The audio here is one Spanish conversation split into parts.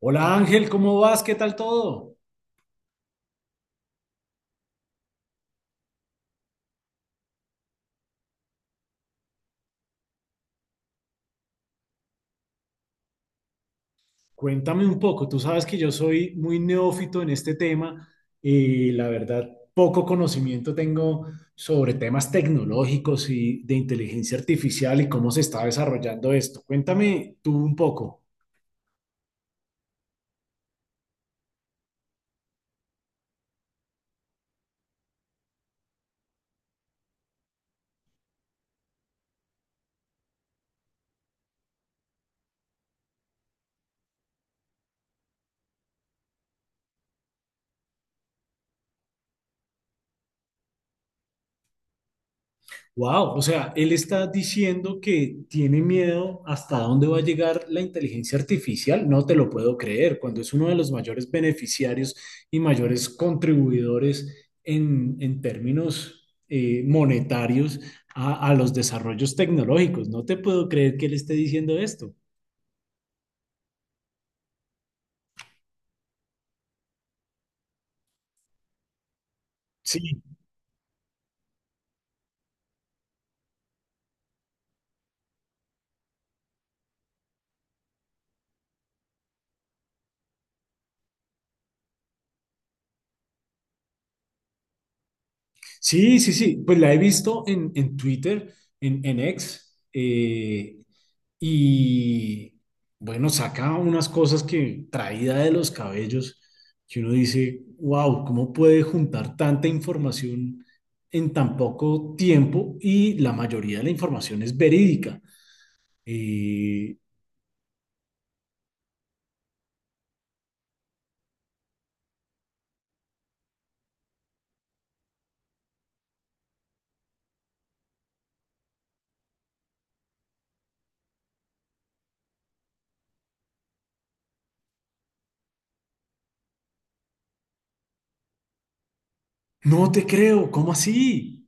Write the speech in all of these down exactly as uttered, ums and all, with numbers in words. Hola Ángel, ¿cómo vas? ¿Qué tal todo? Cuéntame un poco, tú sabes que yo soy muy neófito en este tema y la verdad poco conocimiento tengo sobre temas tecnológicos y de inteligencia artificial y cómo se está desarrollando esto. Cuéntame tú un poco. Wow, o sea, él está diciendo que tiene miedo hasta dónde va a llegar la inteligencia artificial. No te lo puedo creer, cuando es uno de los mayores beneficiarios y mayores contribuidores en, en términos eh, monetarios a, a los desarrollos tecnológicos. No te puedo creer que él esté diciendo esto. Sí, Sí, sí, sí, pues la he visto en, en Twitter, en, en X, eh, y bueno, saca unas cosas que traída de los cabellos, que uno dice, wow, ¿cómo puede juntar tanta información en tan poco tiempo? Y la mayoría de la información es verídica. Eh, no te creo, ¿cómo así?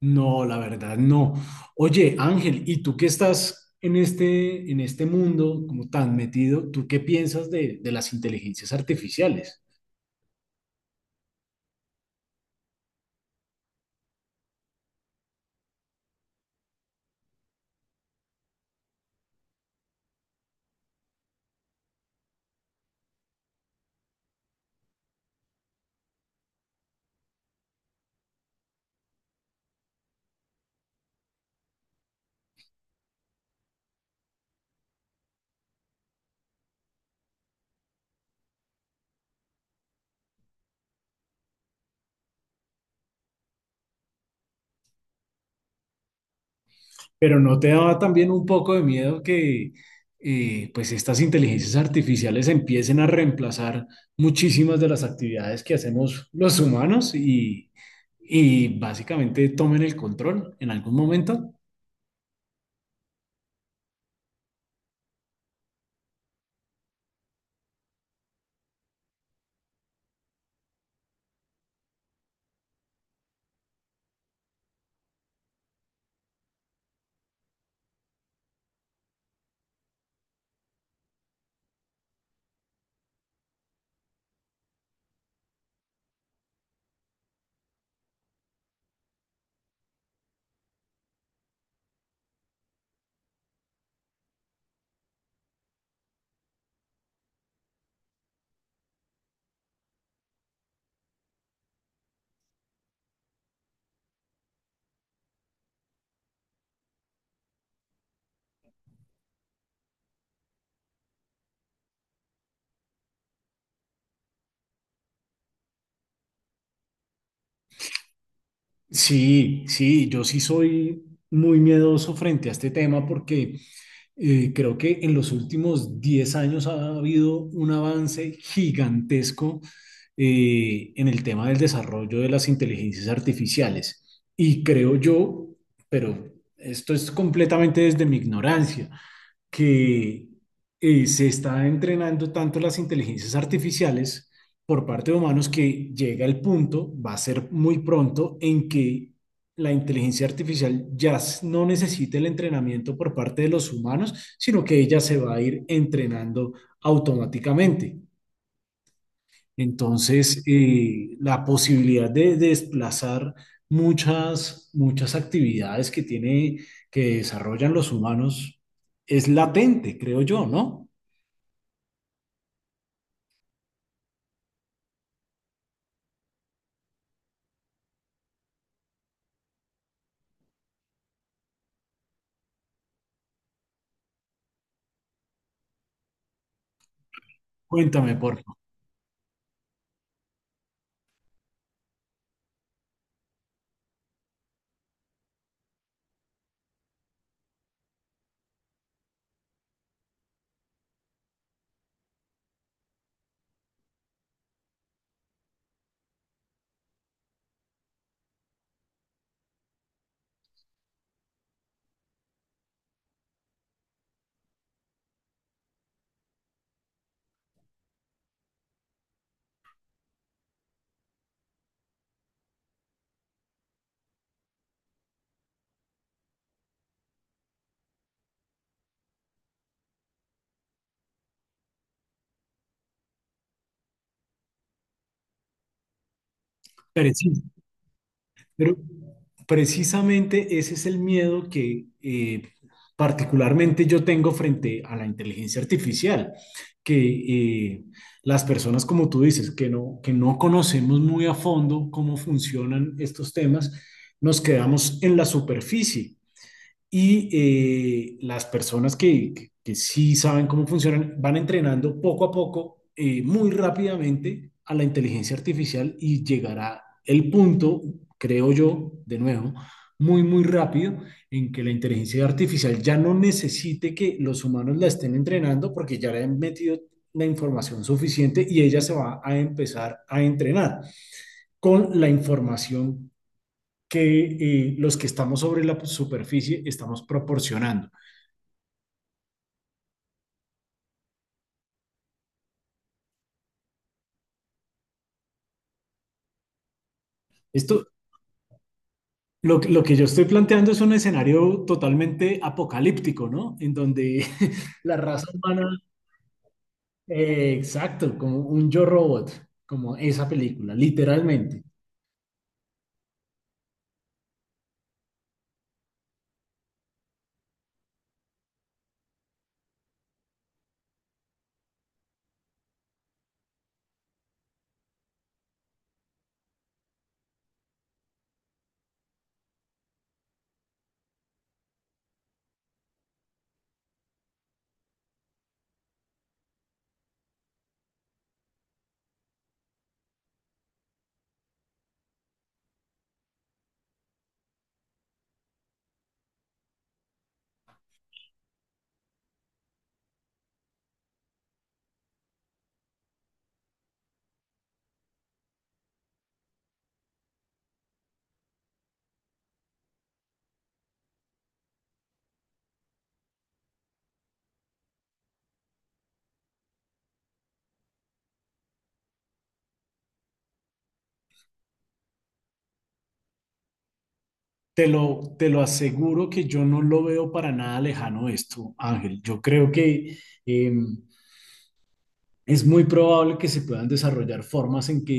No, la verdad, no. Oye, Ángel, ¿y tú que estás en este, en este mundo como tan metido, tú qué piensas de, de las inteligencias artificiales? Pero ¿no te daba también un poco de miedo que eh, pues estas inteligencias artificiales empiecen a reemplazar muchísimas de las actividades que hacemos los humanos y, y básicamente tomen el control en algún momento? Sí, sí, yo sí soy muy miedoso frente a este tema porque... Eh, creo que en los últimos diez años ha habido un avance gigantesco eh, en el tema del desarrollo de las inteligencias artificiales. Y creo yo, pero esto es completamente desde mi ignorancia, que eh, se está entrenando tanto las inteligencias artificiales por parte de humanos que llega el punto, va a ser muy pronto, en que la inteligencia artificial ya s- no necesite el entrenamiento por parte de los humanos, sino que ella se va a ir entrenando automáticamente. Entonces, eh, la posibilidad de desplazar muchas, muchas actividades que tiene, que desarrollan los humanos es latente, creo yo, ¿no? Cuéntame, por favor. Pérez. Pero precisamente ese es el miedo que eh, particularmente yo tengo frente a la inteligencia artificial, que eh, las personas, como tú dices, que no, que no conocemos muy a fondo cómo funcionan estos temas, nos quedamos en la superficie y eh, las personas que, que, que sí saben cómo funcionan van entrenando poco a poco, eh, muy rápidamente, a la inteligencia artificial y llegará el punto, creo yo, de nuevo, muy, muy rápido, en que la inteligencia artificial ya no necesite que los humanos la estén entrenando porque ya le han metido la información suficiente y ella se va a empezar a entrenar con la información que eh, los que estamos sobre la superficie estamos proporcionando. Esto, lo, lo que yo estoy planteando es un escenario totalmente apocalíptico, ¿no? En donde la raza humana, eh, exacto, como un yo robot, como esa película, literalmente. Te lo, te lo aseguro que yo no lo veo para nada lejano esto, Ángel. Yo creo que em, es muy probable que se puedan desarrollar formas en que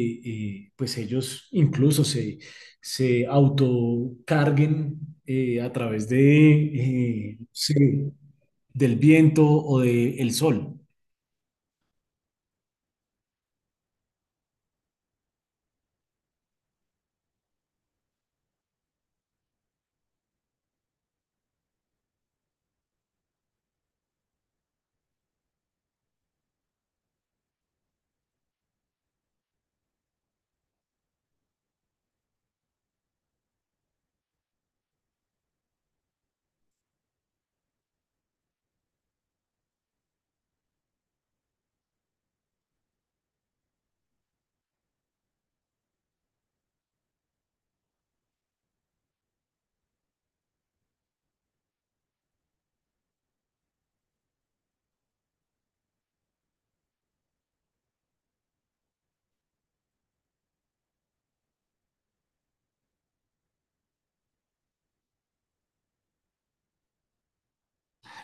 eh, pues ellos incluso se, se autocarguen eh, a través de, eh, sí, del viento o del sol.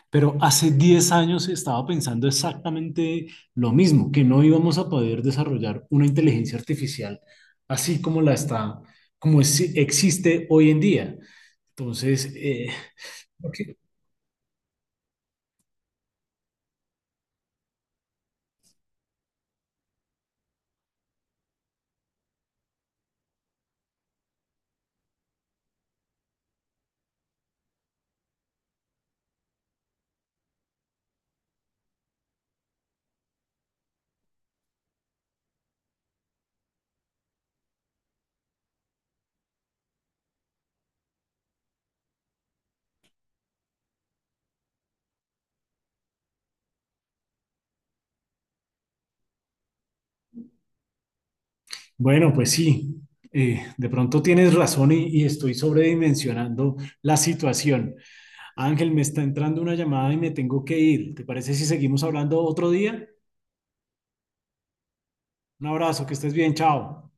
Pero hace diez años estaba pensando exactamente lo mismo, que no íbamos a poder desarrollar una inteligencia artificial así como la está, como es- existe hoy en día. Entonces, eh, Ok. Bueno, pues sí, eh, de pronto tienes razón y, y estoy sobredimensionando la situación. Ángel, me está entrando una llamada y me tengo que ir. ¿Te parece si seguimos hablando otro día? Un abrazo, que estés bien, chao.